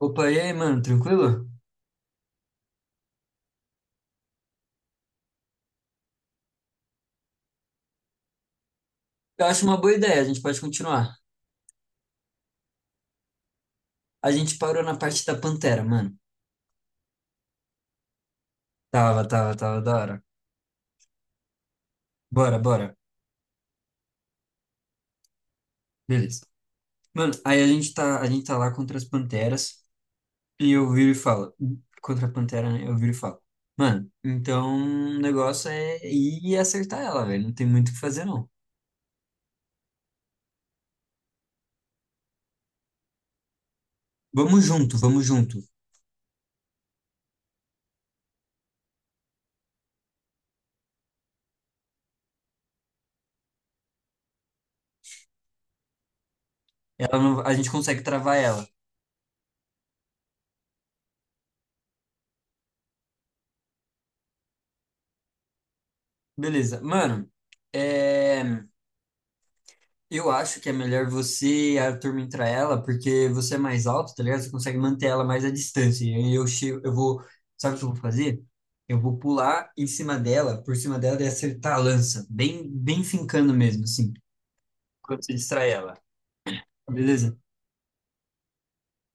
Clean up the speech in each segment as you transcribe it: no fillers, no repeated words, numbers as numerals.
Opa, e aí, mano, tranquilo? Eu acho uma boa ideia, a gente pode continuar. A gente parou na parte da Pantera, mano. Tava, tava, tava da hora. Bora, bora. Beleza. Mano, aí a gente tá lá contra as Panteras e eu viro e falo. Contra a Pantera, né? Eu viro e falo. Mano, então o negócio é ir acertar ela, velho. Não tem muito o que fazer, não. Vamos junto, vamos junto. Ela não- A gente consegue travar ela. Beleza. Mano, é. Eu acho que é melhor você atormentar ela, porque você é mais alto, tá ligado? Você consegue manter ela mais à distância. E eu chego, sabe o que eu vou fazer? Eu vou pular em cima dela, por cima dela e acertar a lança, bem, bem fincando mesmo, assim, quando você distrai ela. Beleza?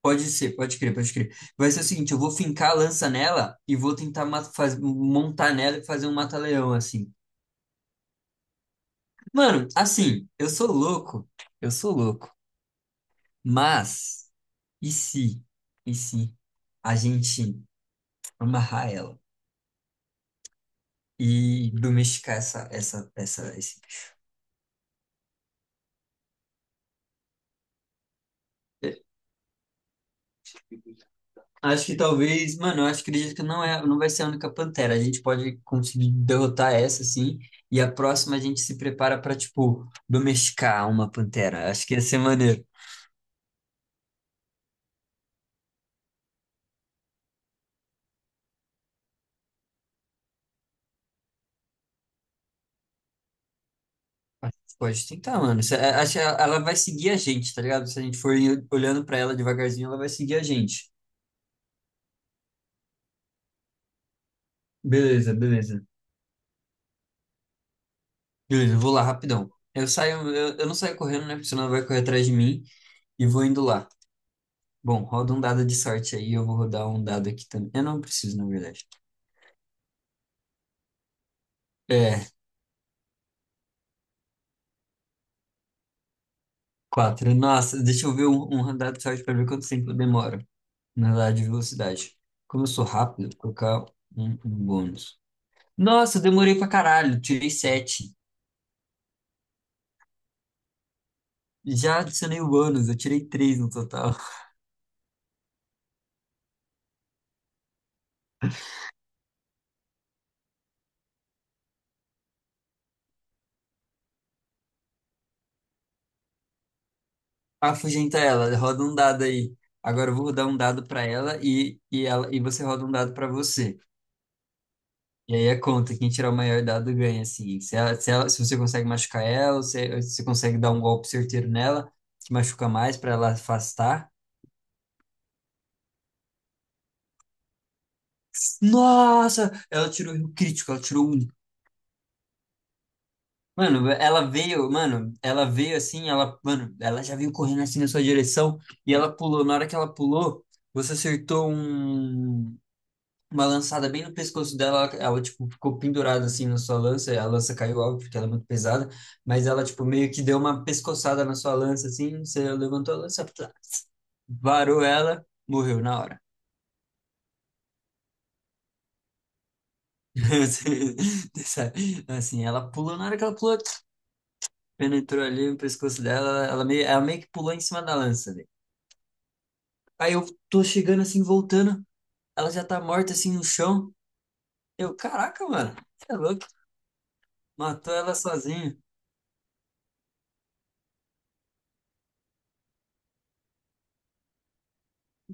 Pode ser, pode crer, pode crer. Vai ser o seguinte, eu vou fincar a lança nela e vou tentar montar nela e fazer um mata-leão, assim. Mano, assim, eu sou louco, mas E se, e se a gente amarrar ela e domesticar essa... Acho que talvez, mano, eu acho que acredito que não vai ser a única pantera. A gente pode conseguir derrotar essa, assim, e a próxima a gente se prepara pra, tipo, domesticar uma pantera. Acho que ia ser maneiro. Acho que pode tentar, mano. É, acho que ela vai seguir a gente, tá ligado? Se a gente for olhando pra ela devagarzinho, ela vai seguir a gente. Beleza, beleza. Beleza, vou lá rapidão. Eu saio, eu não saio correndo, né? Porque senão vai correr atrás de mim e vou indo lá. Bom, roda um dado de sorte aí, eu vou rodar um dado aqui também. Eu não preciso, na verdade. É, quatro. Nossa, deixa eu ver um dado de sorte para ver quanto tempo demora. Na dado de velocidade. Como eu sou rápido, vou colocar um bônus. Nossa, eu demorei pra caralho, tirei sete. Já adicionei o bônus, eu tirei três no total. Afugentar ela. Roda um dado aí. Agora eu vou rodar um dado pra ela e, e você roda um dado pra você. E aí é conta, quem tirar o maior dado ganha, assim. Se você consegue machucar ela, ou se você consegue dar um golpe certeiro nela, que machuca mais pra ela afastar. Nossa! Ela tirou um crítico, ela tirou um. Mano, ela veio assim, ela, mano, ela já veio correndo assim na sua direção e ela pulou. Na hora que ela pulou, você acertou uma lançada bem no pescoço dela, ela, tipo, ficou pendurada, assim, na sua lança, e a lança caiu, óbvio, porque ela é muito pesada, mas ela, tipo, meio que deu uma pescoçada na sua lança, assim, você levantou a lança, plá, varou ela, morreu na hora. Sabe? Assim, ela pulou, na hora que ela pulou, penetrou ali no pescoço dela, ela meio que pulou em cima da lança, né? Aí eu tô chegando, assim, voltando, ela já tá morta, assim, no chão, eu, caraca, mano, você é louco, matou ela sozinho.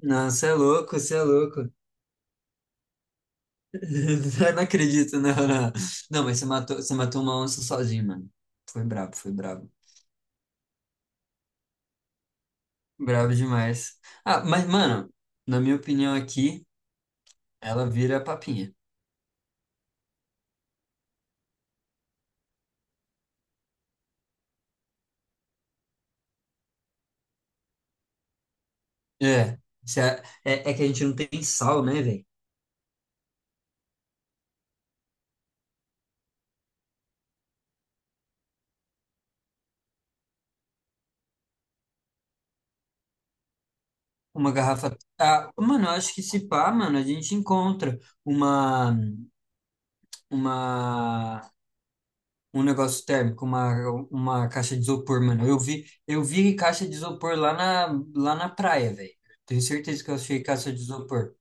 Não, você é louco, você é louco. Eu não acredito, não, não. Não, mas você matou uma onça sozinho, mano. Foi brabo, foi brabo. Brabo demais. Ah, mas, mano, na minha opinião aqui, ela vira papinha. É, se a- é, é que a gente não tem sal, né, velho? Uma garrafa. Ah, mano, eu acho que se pá, mano, a gente encontra uma, uma, um negócio térmico, uma caixa de isopor, mano. Eu vi caixa de isopor lá na praia, velho. Tenho certeza que eu achei caixa de isopor.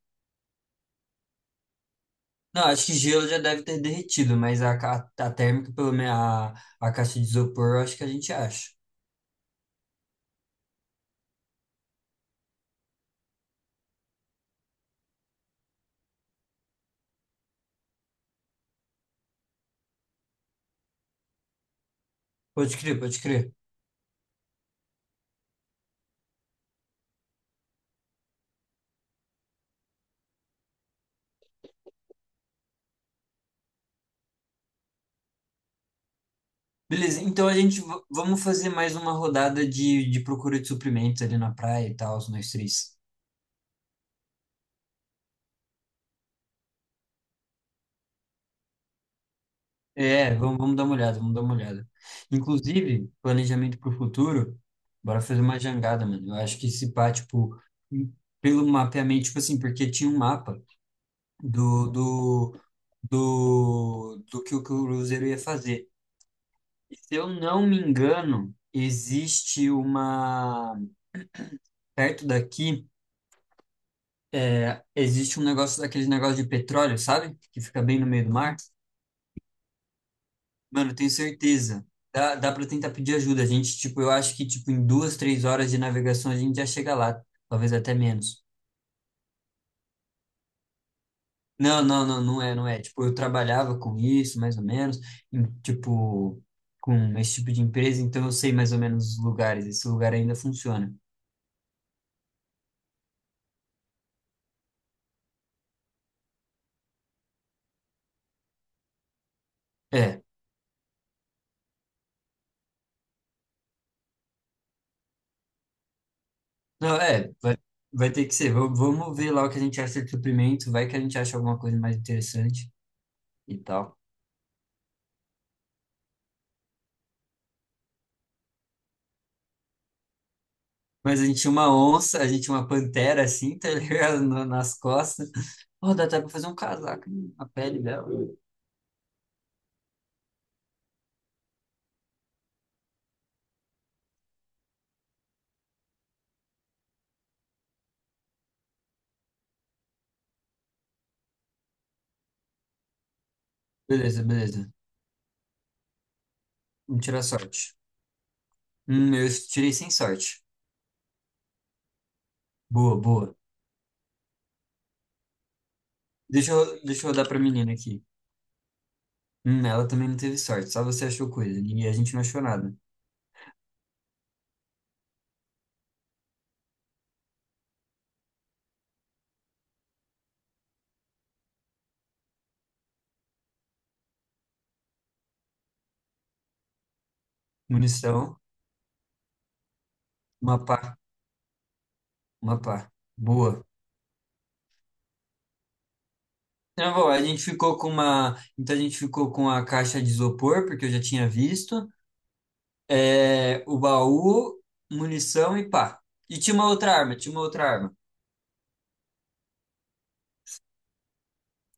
Não, acho que gelo já deve ter derretido, mas a térmica, pelo menos a caixa de isopor, eu acho que a gente acha. Pode crer, pode crer. Beleza, então a gente vamos fazer mais uma rodada de procura de suprimentos ali na praia e tal, nós três. É, vamos, vamos dar uma olhada, vamos dar uma olhada. Inclusive, planejamento para o futuro, bora fazer uma jangada, mano. Eu acho que esse pá, tipo, pelo mapeamento, tipo assim, porque tinha um mapa do, do, do que o cruzeiro ia fazer. Se eu não me engano, existe uma. Perto daqui, é, existe um negócio, aquele negócio de petróleo, sabe? Que fica bem no meio do mar. Mano, eu tenho certeza. Dá, dá pra tentar pedir ajuda. A gente, tipo, eu acho que, tipo, em duas, três horas de navegação a gente já chega lá. Talvez até menos. Não, não, não, não é, não é. Tipo, eu trabalhava com isso, mais ou menos, em, tipo, com esse tipo de empresa, então eu sei mais ou menos os lugares. Esse lugar ainda funciona. É, não, é, vai, vai ter que ser. Vamos, vamos ver lá o que a gente acha de suprimento, vai que a gente acha alguma coisa mais interessante e tal. Mas a gente tinha uma onça, a gente tinha uma pantera assim, tá ligado? Nas costas. Ó, dá até pra fazer um casaco, hein? A pele dela. Beleza, beleza. Vamos tirar sorte. Eu tirei sem sorte. Boa, boa. Deixa eu dar pra menina aqui. Ela também não teve sorte, só você achou coisa. E a gente não achou nada. Munição, uma pá, uma pá. Boa. Tá bom, a gente ficou com uma. Então a gente ficou com a caixa de isopor, porque eu já tinha visto. É, o baú, munição e pá. E tinha uma outra arma, tinha uma outra arma.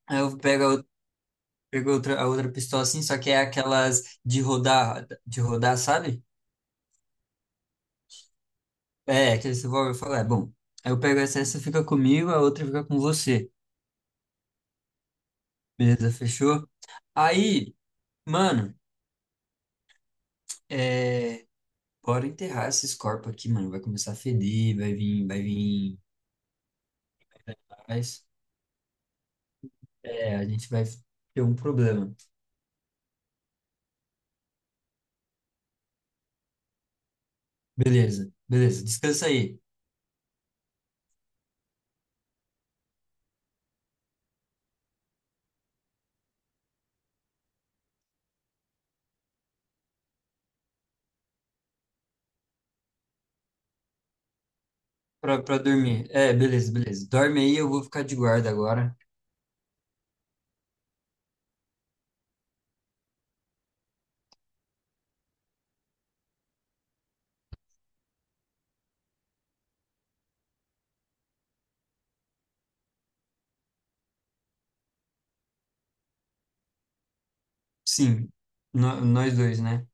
Aí eu pego a, ou- pego a outra pistola assim, só que é aquelas de rodar, sabe? É, aquele revólver, eu falo, é bom. Aí eu pego essa, essa fica comigo, a outra fica com você. Beleza, fechou? Aí, mano, é, bora enterrar esses corpos aqui, mano. Vai começar a feder, vai vir, vai vir. É, a gente vai ter um problema. Beleza, beleza. Descansa aí pra dormir. É, beleza, beleza. Dorme aí, eu vou ficar de guarda agora. Sim, nós dois, né?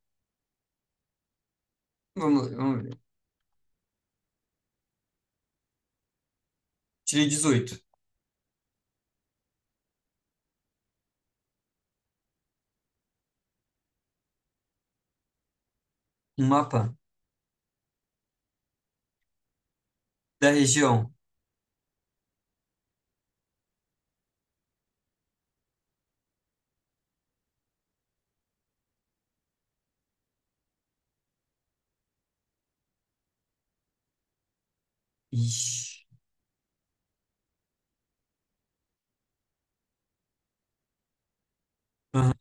Vamos, vamos ver. Tirei dezoito. Um mapa da região. Ixi. Aham.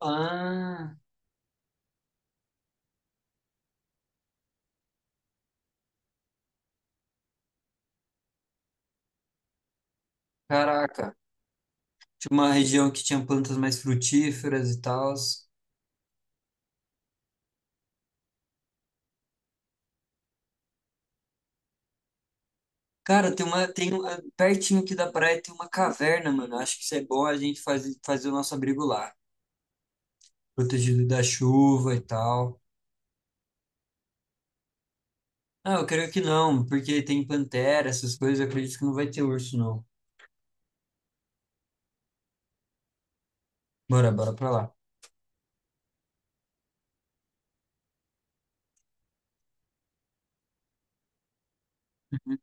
Ah, caraca. Tinha uma região que tinha plantas mais frutíferas e tal. Cara, tem uma, pertinho aqui da praia tem uma caverna, mano. Acho que isso é bom a gente fazer, fazer o nosso abrigo lá. Protegido da chuva e tal. Ah, eu creio que não, porque tem pantera, essas coisas, eu acredito que não vai ter urso, não. Bora, bora pra lá. Uhum.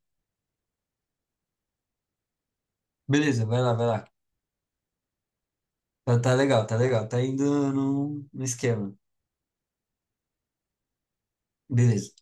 Beleza, vai lá, vai lá. Tá, tá legal, tá legal, tá indo no esquema. Beleza.